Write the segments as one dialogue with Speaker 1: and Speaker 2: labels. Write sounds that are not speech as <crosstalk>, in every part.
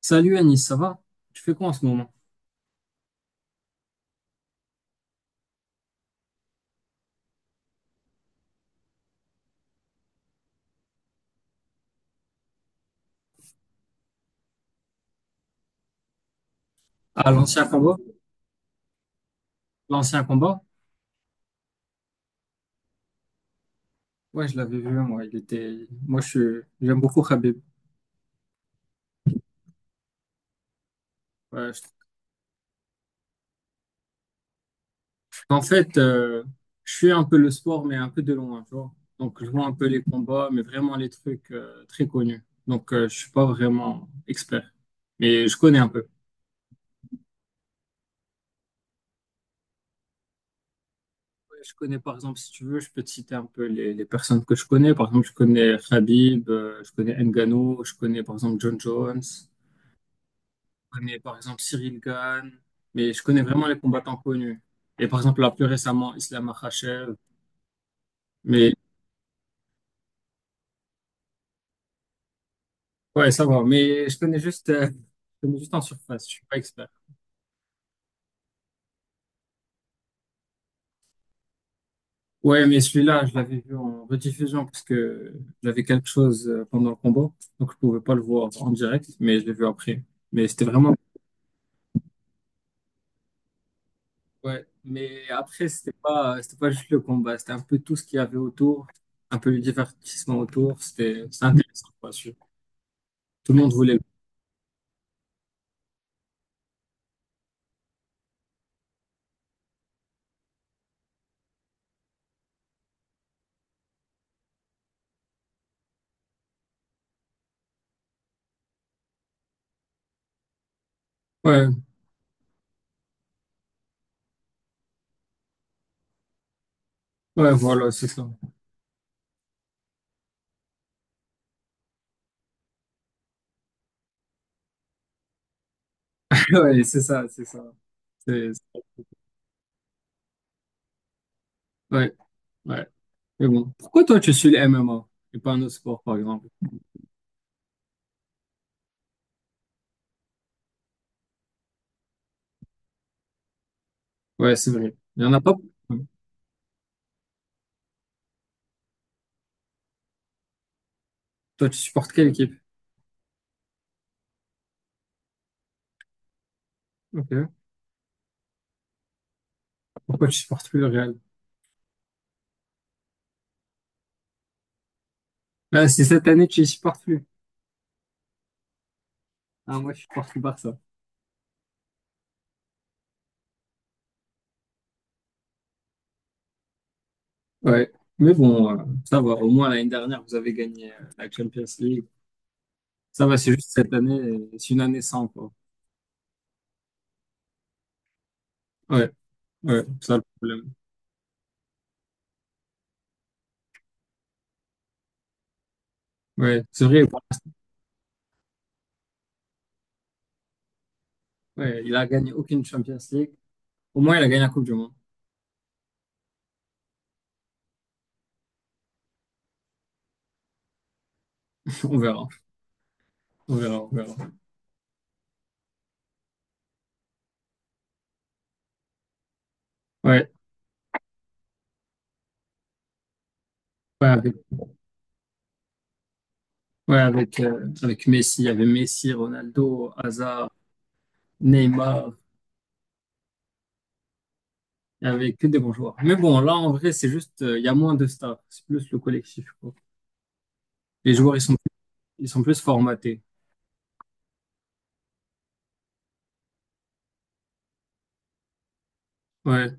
Speaker 1: Salut Anis, ça va? Tu fais quoi en ce moment? Ah, l'ancien combat? L'ancien combat? Ouais, je l'avais vu, moi. Il était... J'aime beaucoup Khabib. Ouais, je- En fait, je suis un peu le sport, mais un peu de loin, tu vois. Donc, je vois un peu les combats, mais vraiment les trucs très connus. Donc, je suis pas vraiment expert, mais je connais un peu. Ouais, je connais, par exemple. Si tu veux, je peux te citer un peu les personnes que je connais. Par exemple, je connais Khabib, je connais Ngannou, je connais, par exemple, John Jones. Connais par exemple Cyril Gane, mais je connais vraiment les combattants connus. Et par exemple, là, plus récemment, Islam Makhachev. Mais ouais, ça va. Mais je connais juste en surface. Je suis pas expert. Ouais, mais celui-là, je l'avais vu en rediffusion parce que j'avais quelque chose pendant le combat. Donc, je pouvais pas le voir en direct, mais je l'ai vu après. Mais c'était vraiment. Ouais, mais après, c'était pas juste le combat. C'était un peu tout ce qu'il y avait autour, un peu le divertissement autour. C'était intéressant, quoi. Tout le monde voulait. Ouais. Ouais, voilà, c'est ça. <laughs> Ouais, c'est ça. C'est, ouais, ouais. Mais bon, pourquoi toi tu suis le MMA et pas un autre sport, par exemple? Ouais, c'est vrai. Il y en a pas. Toi, tu supportes quelle équipe? Ok. Pourquoi tu supportes plus le Real? Là, c'est cette année que tu les supportes plus. Ah, moi, je supporte plus Barça. Ouais. Mais bon, ça va. Au moins, l'année dernière, vous avez gagné la Champions League. Ça va, c'est juste cette année, c'est une année sans, quoi. Ouais, ouais, c'est ça le problème. Ouais, c'est vrai. Ouais, il a gagné aucune Champions League. Au moins, il a gagné la Coupe du Monde. <laughs> On verra. On verra, on verra. Ouais, ouais, avec, ouais, avec, avec Messi. Il y avait Messi, Ronaldo, Hazard, Neymar, il y avait que des bons joueurs. Mais bon, là, en vrai, c'est juste, il y a moins de stars, c'est plus le collectif, quoi. Les joueurs, ils sont, Ils sont plus formatés. Ouais.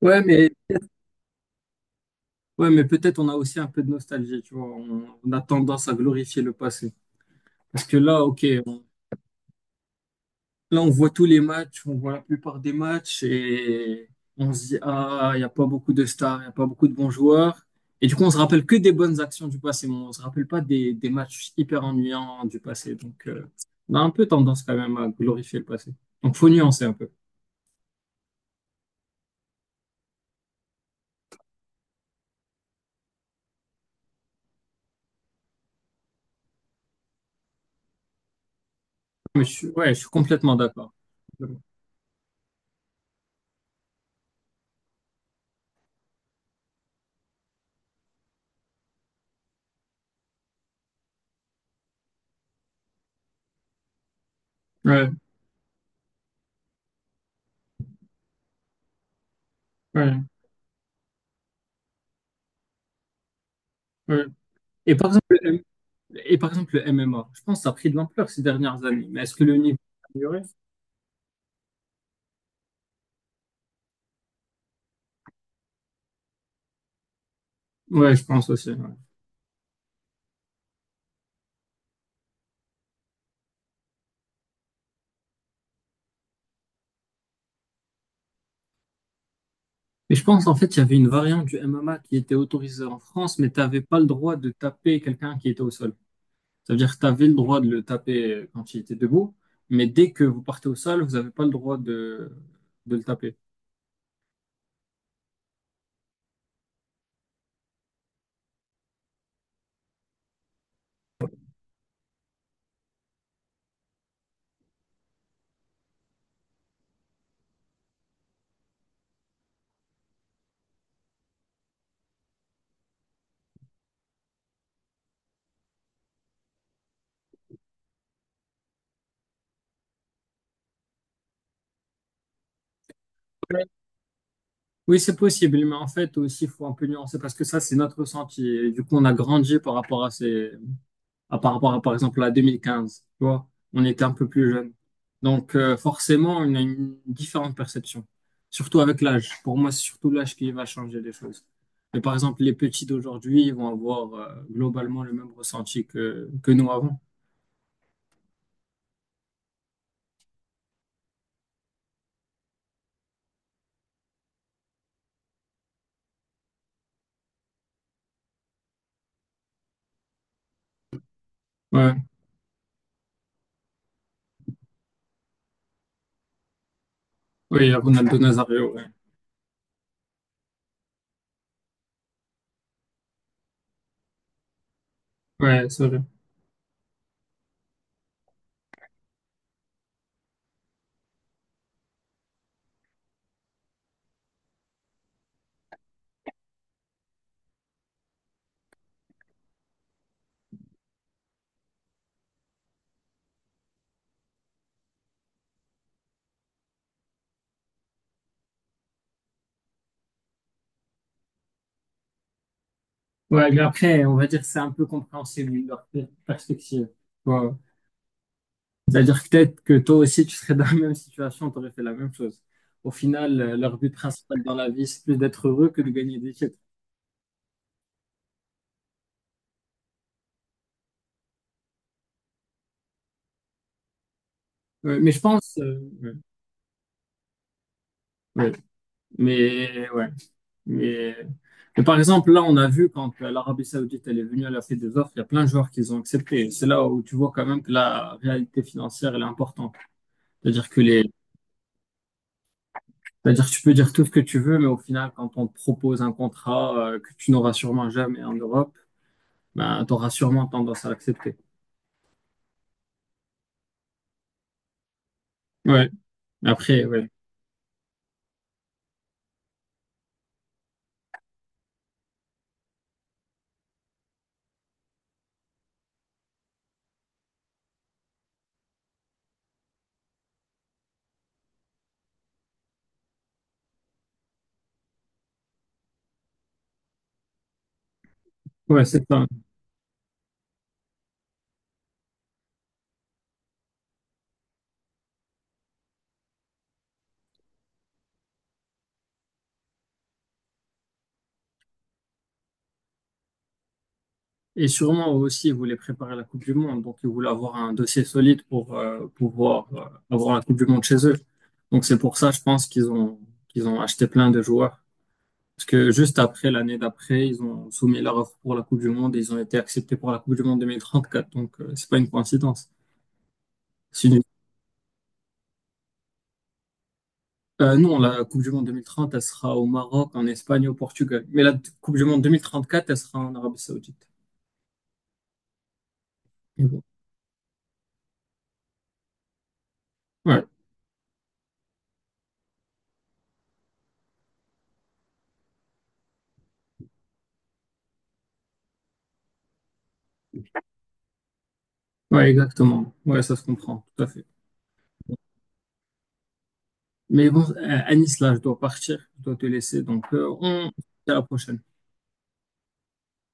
Speaker 1: Ouais, mais, ouais, mais peut-être on a aussi un peu de nostalgie, tu vois. On a tendance à glorifier le passé. Parce que là, ok, là, on voit tous les matchs, on voit la plupart des matchs et on se dit, ah, il n'y a pas beaucoup de stars, il n'y a pas beaucoup de bons joueurs. Et du coup, on se rappelle que des bonnes actions du passé, mais on se rappelle pas des matchs hyper ennuyants du passé. Donc, on a un peu tendance quand même à glorifier le passé. Donc, faut nuancer un peu. Mais je suis, ouais, je suis complètement d'accord. Ouais, ouais, ouais. Et par exemple, le, M- et par exemple, le MMA, je pense que ça a pris de l'ampleur ces dernières années. Mais est-ce que le niveau a amélioré? Ouais, je pense aussi, ouais. Mais je pense, en fait, il y avait une variante du MMA qui était autorisée en France, mais tu n'avais pas le droit de taper quelqu'un qui était au sol. Ça veut dire que tu avais le droit de le taper quand il était debout, mais dès que vous partez au sol, vous n'avez pas le droit de le taper. Oui, c'est possible, mais en fait, aussi, il faut un peu nuancer parce que ça, c'est notre ressenti. Et du coup, on a grandi par rapport à par rapport à, par exemple, la 2015. Tu vois, on était un peu plus jeune. Donc, forcément, on a une différente perception. Surtout avec l'âge. Pour moi, c'est surtout l'âge qui va changer les choses. Mais par exemple, les petits d'aujourd'hui, ils vont avoir globalement le même ressenti que nous avant. Ouais, oui, Ronaldo Nazario, ouais. Ouais, c'est vrai. Ouais, mais après, on va dire que c'est un peu compréhensible leur perspective. Ouais. C'est-à-dire que peut-être que toi aussi, tu serais <laughs> dans la même situation, tu aurais fait la même chose. Au final, leur but principal dans la vie, c'est plus d'être heureux que de gagner des titres. Ouais, mais je pense, ouais. mais ouais, mais, mais par exemple, là, on a vu quand l'Arabie Saoudite elle est venue, elle a fait des offres, il y a plein de joueurs qui les ont accepté. C'est là où tu vois quand même que la réalité financière, elle est importante. C'est-à-dire que les, c'est-à-dire que tu peux dire tout ce que tu veux, mais au final, quand on te propose un contrat que tu n'auras sûrement jamais en Europe, ben, t'auras sûrement tendance à l'accepter. Ouais. Après, ouais. Ouais, c'est ça. Et sûrement aussi, ils voulaient préparer la Coupe du Monde. Donc, ils voulaient avoir un dossier solide pour pouvoir avoir la Coupe du Monde chez eux. Donc, c'est pour ça, je pense qu'ils ont acheté plein de joueurs. Parce que juste après, l'année d'après, ils ont soumis leur offre pour la Coupe du Monde et ils ont été acceptés pour la Coupe du Monde 2034. Donc, c'est pas une coïncidence. C'est une- non, la Coupe du Monde 2030, elle sera au Maroc, en Espagne, et au Portugal. Mais la Coupe du Monde 2034, elle sera en Arabie Saoudite. Mais bon. Ouais. Ouais, exactement. Ouais, ça se comprend, tout à fait. Mais bon, Anis, là, je dois partir, je dois te laisser. Donc, on se dit à la prochaine.